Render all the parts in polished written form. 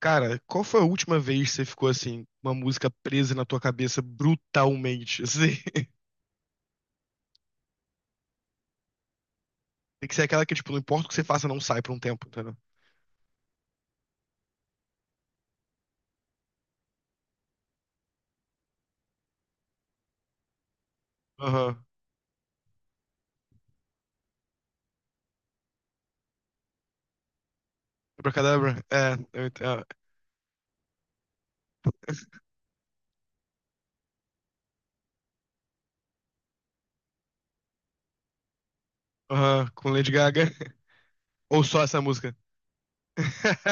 Cara, qual foi a última vez que você ficou assim, uma música presa na tua cabeça brutalmente? Assim, tem que ser aquela que, tipo, não importa o que você faça, não sai por um tempo, entendeu? Aham. Abracadabra? É. Aham, com Lady Gaga. Ou só essa música?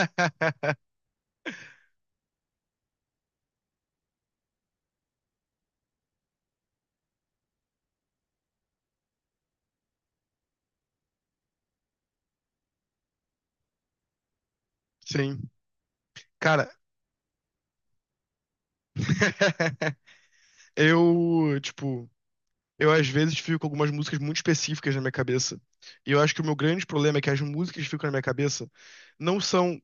Sim. Cara, tipo, eu às vezes fico com algumas músicas muito específicas na minha cabeça. E eu acho que o meu grande problema é que as músicas que ficam na minha cabeça não são.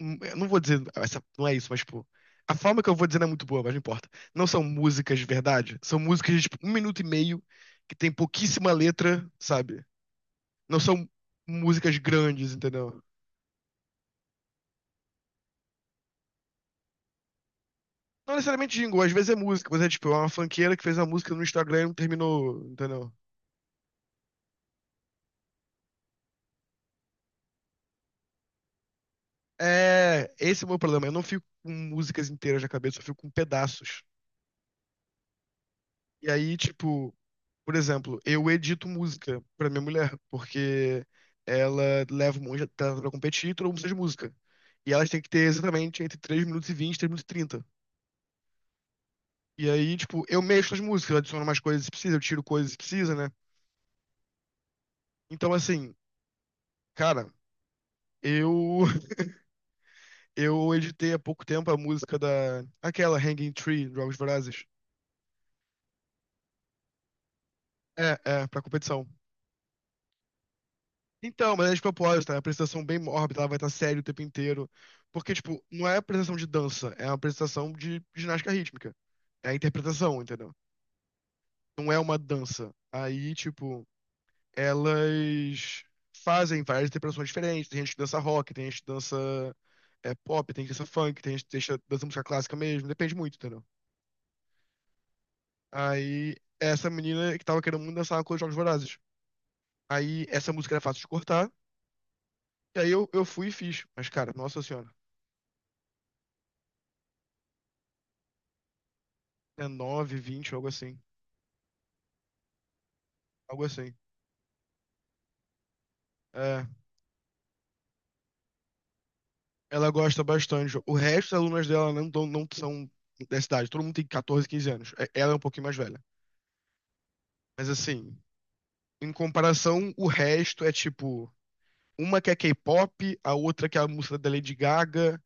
Eu não vou dizer, essa, não é isso, mas tipo, a forma que eu vou dizer não é muito boa, mas não importa. Não são músicas de verdade, são músicas de tipo, 1 minuto e meio, que tem pouquíssima letra, sabe? Não são músicas grandes, entendeu? Não necessariamente jingle, às vezes é música, mas é tipo, é uma funkeira que fez uma música no Instagram e não terminou, entendeu? É, esse é o meu problema. Eu não fico com músicas inteiras na cabeça, eu fico com pedaços. E aí, tipo, por exemplo, eu edito música pra minha mulher, porque ela leva um monte de talento pra competir e todo mundo precisa de música. E elas têm que ter exatamente entre 3 minutos e 20 e 3 minutos e trinta. E aí, tipo, eu mexo as músicas, eu adiciono mais coisas se precisa, eu tiro coisas se precisa, né? Então, assim, cara, eu eu editei há pouco tempo a música da. Aquela, Hanging Tree, Jogos Vorazes. É, pra competição. Então, mas é de propósito, tá? É uma apresentação bem mórbida, ela vai estar séria o tempo inteiro. Porque, tipo, não é apresentação de dança, é uma apresentação de ginástica rítmica. É a interpretação, entendeu? Não é uma dança. Aí, tipo, elas fazem várias interpretações diferentes. Tem gente que dança rock, tem gente que dança pop, tem gente que dança funk, tem gente que dança música clássica mesmo, depende muito, entendeu? Aí, essa menina que tava querendo muito dançar uma coisa de Jogos Vorazes. Aí, essa música era fácil de cortar, e aí eu fui e fiz. Mas, cara, nossa senhora. É 9, 20, algo assim. Algo assim. É, ela gosta bastante. O resto das alunas dela não, não são dessa idade. Todo mundo tem 14, quinze anos. Ela é um pouquinho mais velha. Mas assim, em comparação, o resto é tipo. Uma que é K-pop, a outra que é a música da Lady Gaga,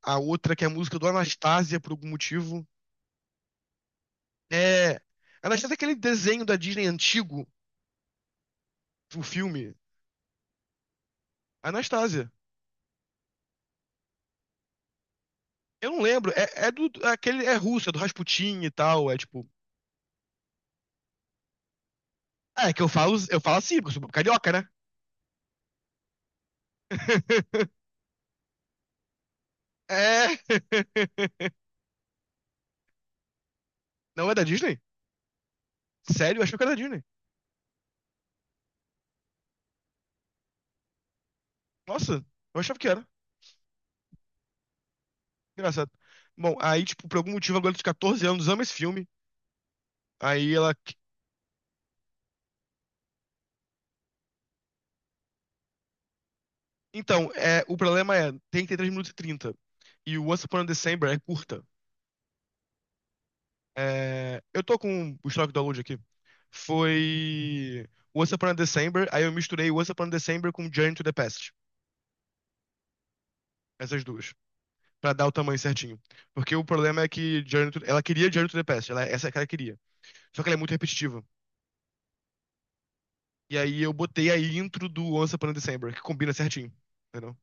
a outra que é a música do Anastasia por algum motivo. É. Anastasia é aquele desenho da Disney antigo, o filme. Anastasia. Eu não lembro. É, é do. É aquele é russo, é do Rasputin e tal. É tipo. É que eu falo assim, porque eu sou carioca, né? É. Não é da Disney? Sério, eu achava que era da Disney. Nossa, eu achava que era. Engraçado. Bom, aí, tipo, por algum motivo, a garota de 14 anos ama esse filme. Aí ela. Então, é, o problema é, tem que ter 3 minutos e 30. E o Once Upon a December é curta. É, eu tô com o estoque do download aqui. Foi Once Upon a December, aí eu misturei Once Upon a December com Journey to the Past. Essas duas. Pra dar o tamanho certinho. Porque o problema é que ela queria Journey to the Past, ela, é, essa é que ela queria. Só que ela é muito repetitiva. E aí eu botei a intro do Once Upon a December, que combina certinho. Entendeu?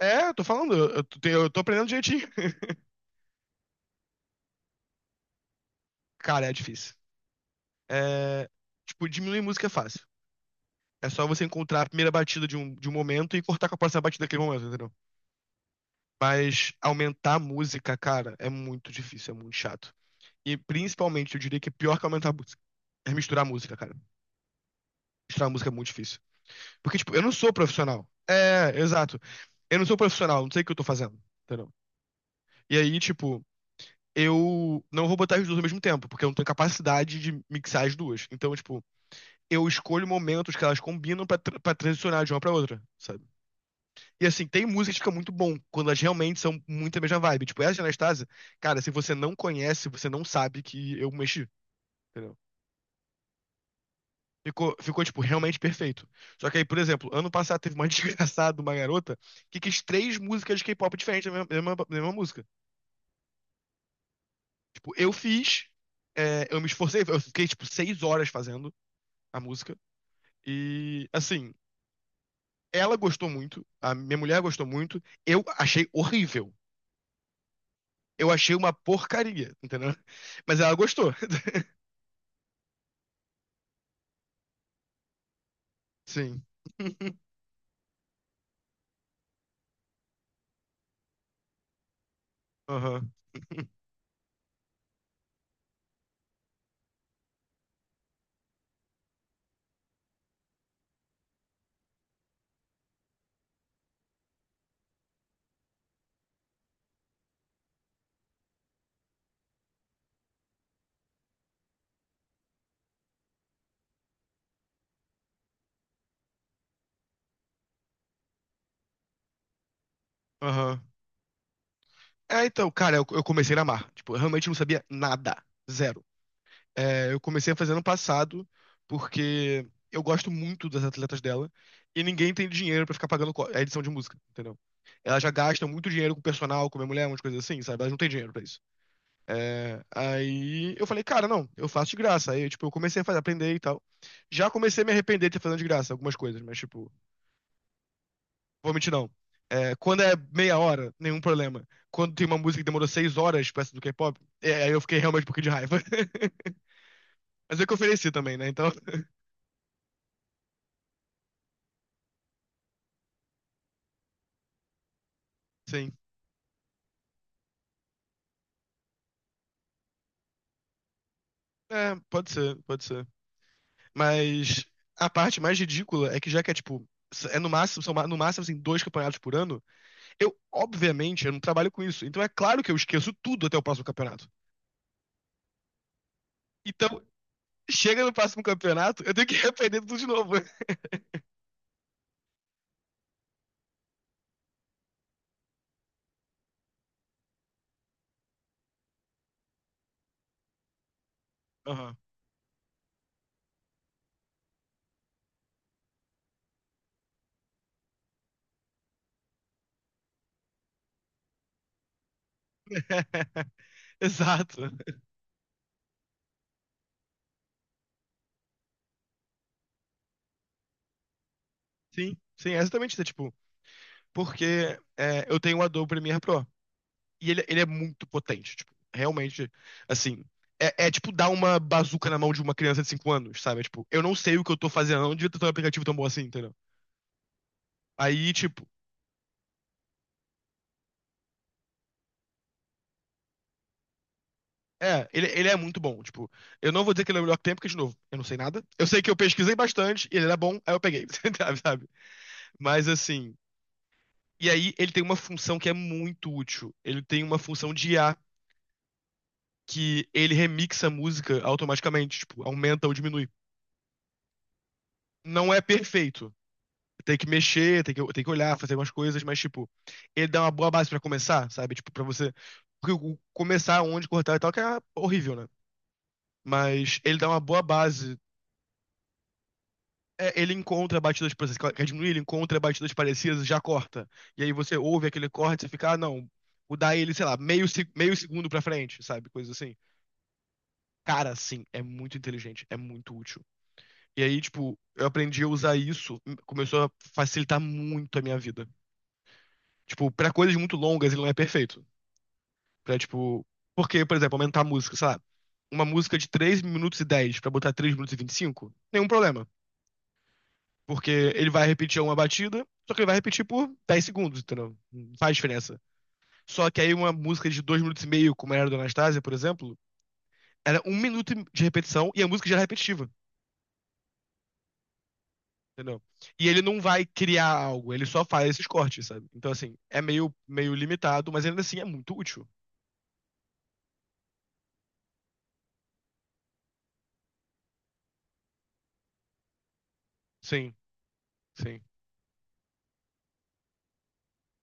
É, eu tô falando, eu tô aprendendo direitinho. Cara, é difícil. É, tipo, diminuir música é fácil. É só você encontrar a primeira batida de um momento e cortar com a próxima batida daquele momento, entendeu? Mas aumentar a música, cara, é muito difícil, é muito chato. E principalmente, eu diria que é pior que aumentar a música é misturar a música, cara. Misturar a música é muito difícil. Porque, tipo, eu não sou profissional. É, exato. Eu não sou profissional, não sei o que eu tô fazendo. Entendeu? E aí, tipo, eu não vou botar as duas ao mesmo tempo, porque eu não tenho capacidade de mixar as duas. Então, tipo, eu escolho momentos que elas combinam pra transicionar de uma pra outra, sabe? E assim, tem música que fica muito bom, quando elas realmente são muito a mesma vibe. Tipo, essa de Anastasia, cara, se você não conhece, você não sabe que eu mexi. Entendeu? Ficou, ficou, tipo, realmente perfeito. Só que aí, por exemplo, ano passado teve uma desgraçada, de uma garota, que quis três músicas de K-pop diferentes da mesma música. Tipo, eu fiz, eu me esforcei, eu fiquei, tipo, 6 horas fazendo a música. E, assim, ela gostou muito, a minha mulher gostou muito, eu achei horrível. Eu achei uma porcaria, entendeu? Mas ela gostou. Sim. Aham. Aham. É, então, cara, eu comecei a amar. Tipo, eu realmente não sabia nada. Zero. É, eu comecei a fazer ano passado, porque eu gosto muito das atletas dela, e ninguém tem dinheiro pra ficar pagando a edição de música, entendeu? Elas já gastam muito dinheiro com personal, com minha mulher, umas coisas assim, sabe? Elas não têm dinheiro pra isso. É, aí eu falei, cara, não, eu faço de graça. Aí, tipo, eu comecei a fazer, aprender e tal. Já comecei a me arrepender de ter fazendo de graça algumas coisas, mas, tipo, vou mentir, não. É, quando é meia hora, nenhum problema. Quando tem uma música que demorou 6 horas, peça do K-pop, aí eu fiquei realmente um pouquinho de raiva. Mas é que eu ofereci também, né? Então, sim. É, pode ser, pode ser. Mas a parte mais ridícula é que já que é tipo, é no máximo, no máximo assim, dois campeonatos por ano, eu, obviamente, eu não trabalho com isso. Então é claro que eu esqueço tudo até o próximo campeonato. Então, chega no próximo campeonato, eu tenho que aprender tudo de novo. Aham. Exato. Sim, sim, é exatamente isso. É, tipo, porque eu tenho o Adobe Premiere Pro. E ele é muito potente, tipo, realmente, assim. É, tipo dar uma bazuca na mão de uma criança de 5 anos, sabe? É, tipo, eu não sei o que eu tô fazendo, eu não devia ter um aplicativo tão bom assim, entendeu? Aí, tipo, ele é muito bom. Tipo, eu não vou dizer que ele é o melhor que tem, porque, de novo, eu não sei nada. Eu sei que eu pesquisei bastante, e ele era bom, aí eu peguei, sabe? Mas assim. E aí, ele tem uma função que é muito útil. Ele tem uma função de IA que ele remixa a música automaticamente, tipo, aumenta ou diminui. Não é perfeito. Tem que mexer, tem que olhar, fazer algumas coisas, mas, tipo, ele dá uma boa base pra começar, sabe? Tipo, pra você. Porque começar onde cortar e tal, que é horrível, né? Mas ele dá uma boa base. É, ele encontra batidas, por exemplo, quer diminuir, ele encontra batidas parecidas e já corta. E aí você ouve aquele corte e você fica, ah, não, mudar ele, sei lá, meio, meio segundo pra frente, sabe? Coisa assim. Cara, sim, é muito inteligente, é muito útil. E aí, tipo, eu aprendi a usar isso, começou a facilitar muito a minha vida. Tipo, pra coisas muito longas ele não é perfeito. Pra, tipo. Porque, por exemplo, aumentar a música, sei lá, uma música de 3 minutos e 10 pra botar 3 minutos e 25 nenhum problema. Porque ele vai repetir uma batida, só que ele vai repetir por 10 segundos, entendeu? Não faz diferença. Só que aí uma música de 2 minutos e meio, como era do Anastasia, por exemplo, era um minuto de repetição e a música já era repetitiva, entendeu? E ele não vai criar algo, ele só faz esses cortes, sabe? Então, assim, é meio, meio limitado, mas ainda assim é muito útil. Sim, sim.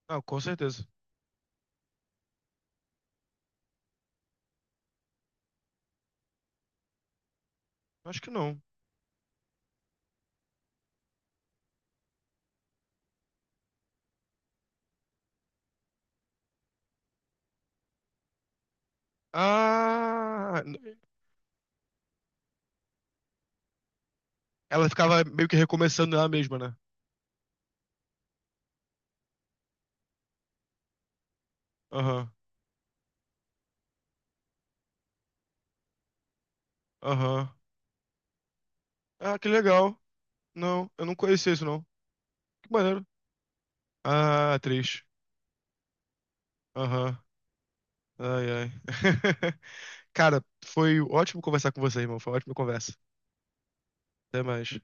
Ah, com certeza. Acho que não. Ah, ela ficava meio que recomeçando ela mesma, né? Aham, aham. Ah, que legal. Não, eu não conhecia isso, não. Que maneiro. Ah, atriz. Aham. Ai, ai. Cara, foi ótimo conversar com você, irmão. Foi uma ótima conversa. Até mais.